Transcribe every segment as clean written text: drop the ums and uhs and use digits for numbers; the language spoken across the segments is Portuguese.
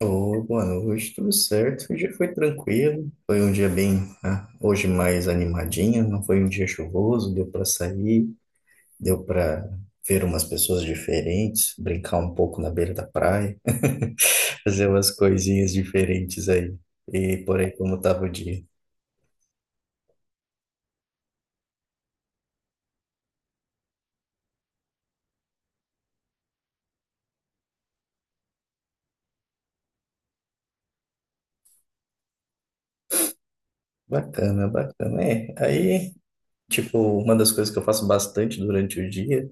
Ô, boa noite, tudo certo? O dia foi tranquilo, foi um dia bem, né, hoje mais animadinho, não foi um dia chuvoso, deu para sair, deu para ver umas pessoas diferentes, brincar um pouco na beira da praia, fazer umas coisinhas diferentes aí. E por aí como tava o dia. Bacana, bacana. É, aí, tipo, uma das coisas que eu faço bastante durante o dia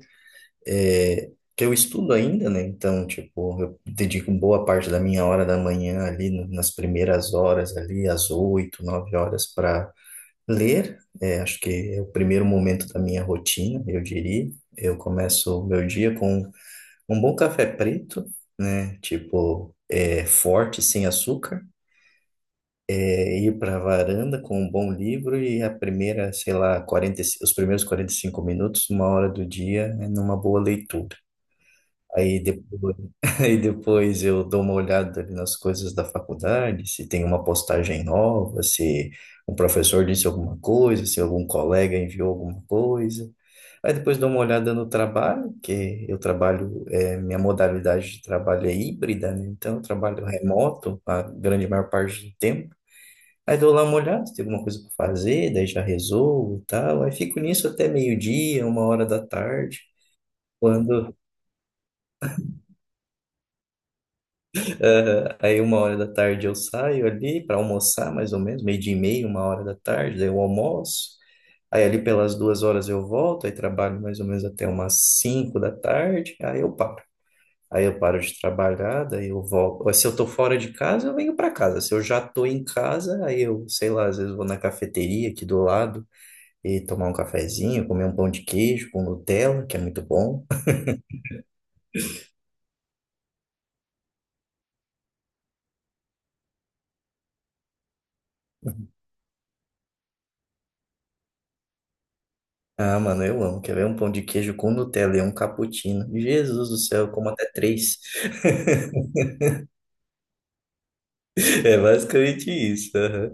é, que eu estudo ainda, né? Então, tipo, eu dedico boa parte da minha hora da manhã ali, nas primeiras horas ali, às 8, 9 horas, para ler. É, acho que é o primeiro momento da minha rotina, eu diria. Eu começo o meu dia com um bom café preto, né? Tipo, é, forte, sem açúcar. É, ir para a varanda com um bom livro e a primeira, sei lá, 40, os primeiros 45 minutos, uma hora do dia, é numa boa leitura. Aí depois, aí depois eu dou uma olhada ali nas coisas da faculdade, se tem uma postagem nova, se um professor disse alguma coisa, se algum colega enviou alguma coisa. Aí depois dou uma olhada no trabalho, que eu trabalho, minha modalidade de trabalho é híbrida, né? Então eu trabalho remoto a grande maior parte do tempo. Aí dou lá uma olhada, se tem alguma coisa para fazer, daí já resolvo e tal. Aí fico nisso até meio-dia, uma hora da tarde. Quando Aham. Aí uma hora da tarde eu saio ali para almoçar, mais ou menos, meio dia e meia, uma hora da tarde, daí eu almoço. Aí ali pelas 2 horas eu volto, aí trabalho mais ou menos até umas 5 da tarde, aí eu paro. Aí eu paro de trabalhar, daí eu volto. Ou, se eu tô fora de casa, eu venho para casa. Se eu já tô em casa, aí eu, sei lá, às vezes vou na cafeteria aqui do lado e tomar um cafezinho, comer um pão de queijo com Nutella, que é muito bom. Ah, mano, eu amo. Quer ver um pão de queijo com Nutella e um cappuccino? Jesus do céu, eu como até três. É basicamente isso. Aham.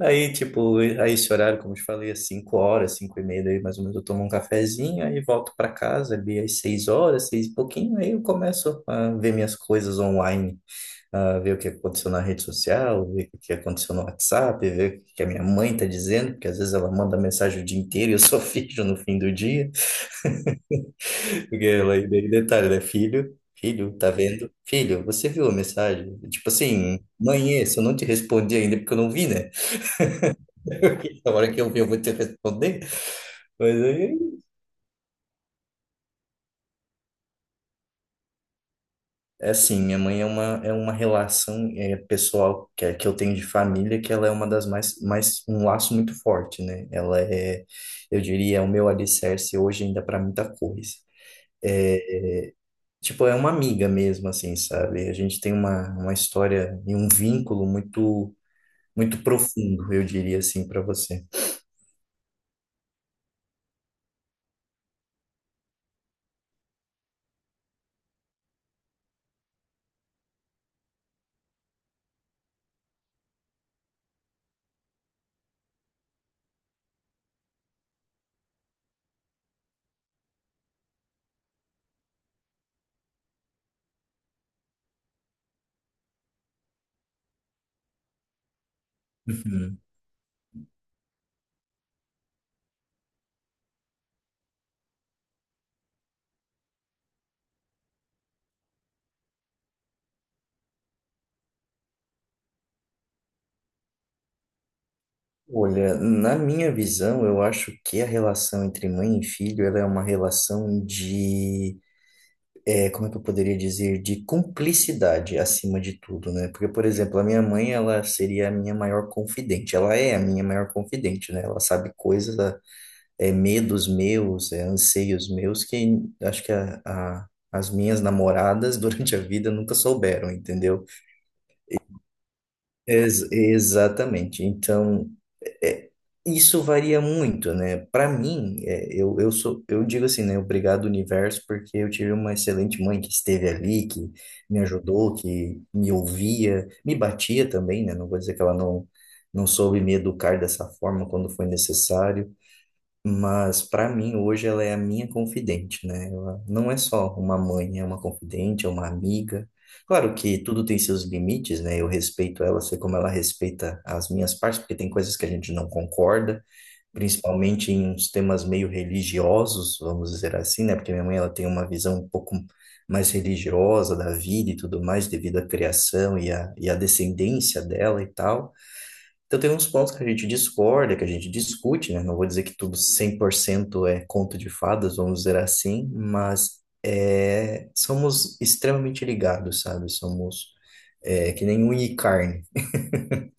Aí, tipo, aí esse horário, como eu te falei, às 5 horas, 5h30, daí mais ou menos eu tomo um cafezinho, aí volto pra casa ali às 6 horas, seis e pouquinho, aí eu começo a ver minhas coisas online, a ver o que aconteceu na rede social, ver o que aconteceu no WhatsApp, ver o que a minha mãe tá dizendo, porque às vezes ela manda mensagem o dia inteiro e eu só vejo no fim do dia. Porque ela, e daí detalhe, né? Filho, filho, tá vendo? Filho, você viu a mensagem? Tipo assim, mãe, esse eu não te respondi ainda porque eu não vi, né? A hora que eu vi, eu vou te responder. Mas aí, é assim, minha mãe é uma relação é, pessoal que eu tenho de família, que ela é uma das um laço muito forte, né? Ela é, eu diria, é o meu alicerce hoje ainda para muita coisa. é Tipo, é uma amiga mesmo, assim, sabe? A gente tem uma história e um vínculo muito, muito profundo, eu diria assim, para você. Uhum. Olha, na minha visão, eu acho que a relação entre mãe e filho, ela é uma relação de, como é que eu poderia dizer, de cumplicidade acima de tudo, né? Porque, por exemplo, a minha mãe, ela seria a minha maior confidente. Ela é a minha maior confidente, né? Ela sabe coisas medos meus, anseios meus que acho que as minhas namoradas durante a vida nunca souberam, entendeu? Exatamente. Então, é, isso varia muito, né? Para mim, eu digo assim, né? Obrigado, universo, porque eu tive uma excelente mãe que esteve ali, que me ajudou, que me ouvia, me batia também, né? Não vou dizer que ela não, não soube me educar dessa forma quando foi necessário, mas para mim hoje ela é a minha confidente, né? Ela não é só uma mãe, é uma confidente, é uma amiga. Claro que tudo tem seus limites, né? Eu respeito ela, sei como ela respeita as minhas partes, porque tem coisas que a gente não concorda, principalmente em uns temas meio religiosos, vamos dizer assim, né? Porque minha mãe ela tem uma visão um pouco mais religiosa da vida e tudo mais, devido à criação e à descendência dela e tal. Então, tem uns pontos que a gente discorda, que a gente discute, né? Não vou dizer que tudo 100% é conto de fadas, vamos dizer assim, mas é, somos extremamente ligados, sabe? Somos que nem unha e carne.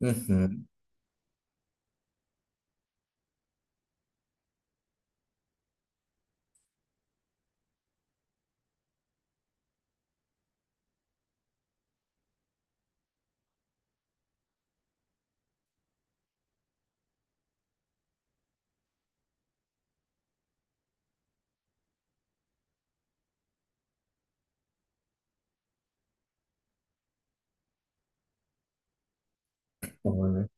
Uhum. Então,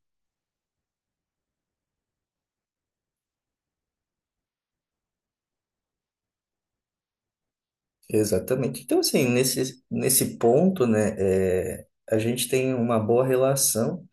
exatamente. Então, assim, nesse ponto, né, é, a gente tem uma boa relação,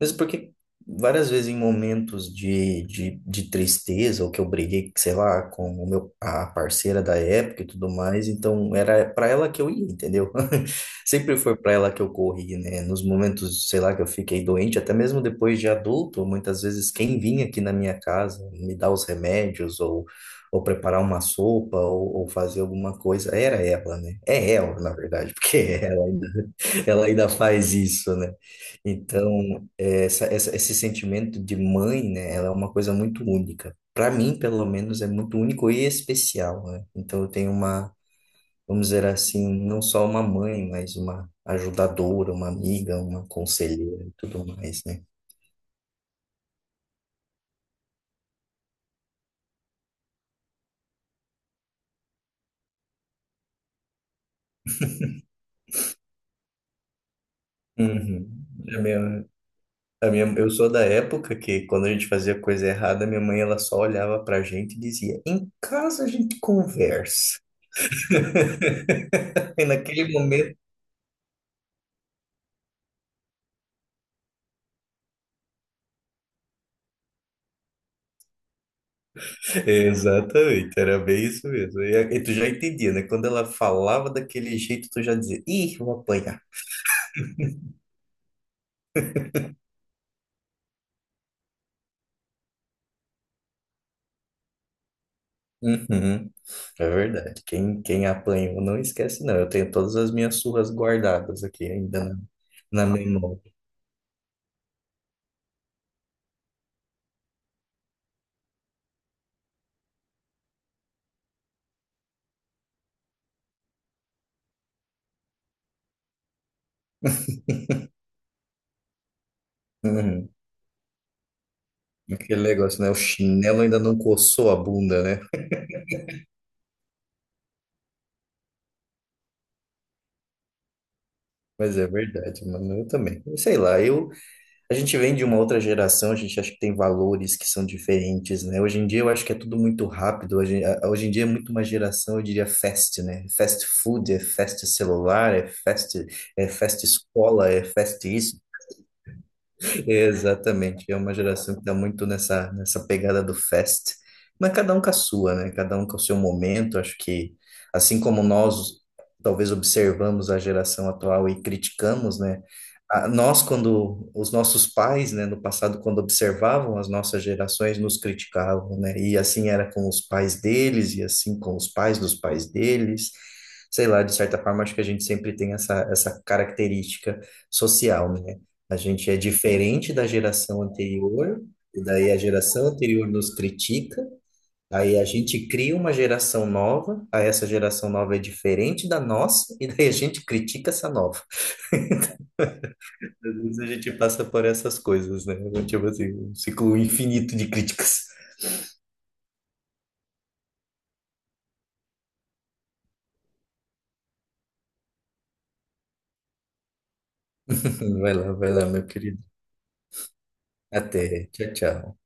mesmo porque várias vezes em momentos de tristeza, ou que eu briguei, sei lá, com a parceira da época e tudo mais, então era para ela que eu ia, entendeu? Sempre foi para ela que eu corri, né? Nos momentos, sei lá, que eu fiquei doente, até mesmo depois de adulto, muitas vezes quem vinha aqui na minha casa me dar os remédios ou preparar uma sopa, ou fazer alguma coisa. Era ela, né? É ela, na verdade, porque ela ainda faz isso, né? Então, é, essa, esse sentimento de mãe, né? Ela é uma coisa muito única. Para mim, pelo menos, é muito único e especial, né? Então, eu tenho uma, vamos dizer assim, não só uma mãe, mas uma ajudadora, uma amiga, uma conselheira e tudo mais, né? Uhum. É meu. A minha, eu sou da época que, quando a gente fazia coisa errada, minha mãe ela só olhava pra gente e dizia: em casa a gente conversa. E naquele momento. Exatamente, era bem isso mesmo. E, e tu já entendia, né? Quando ela falava daquele jeito, tu já dizia: ih, vou apanhar. Uhum, é verdade. Quem apanhou não esquece, não. Eu tenho todas as minhas surras guardadas aqui ainda na, na memória. Uhum. Aquele negócio, né? O chinelo ainda não coçou a bunda, né? Mas é verdade, mano. Eu também. Eu sei lá, a gente vem de uma outra geração, a gente acha que tem valores que são diferentes, né? Hoje em dia eu acho que é tudo muito rápido. Hoje, hoje em dia é muito uma geração, eu diria, fast, né? Fast food, é fast celular, é fast escola, é fast isso. Exatamente, é uma geração que está muito nessa pegada do fest, mas cada um com a sua, né? Cada um com o seu momento. Acho que, assim como nós talvez observamos a geração atual e criticamos, né? A- nós, quando os nossos pais, né, no passado, quando observavam as nossas gerações, nos criticavam, né? E assim era com os pais deles, e assim com os pais dos pais deles. Sei lá, de certa forma, acho que a gente sempre tem essa característica social, né? A gente é diferente da geração anterior, e daí a geração anterior nos critica, aí a gente cria uma geração nova, aí essa geração nova é diferente da nossa, e daí a gente critica essa nova. Às vezes a gente passa por essas coisas, né? Tipo assim, um ciclo infinito de críticas. Vai lá, meu querido. Até. Tchau, tchau.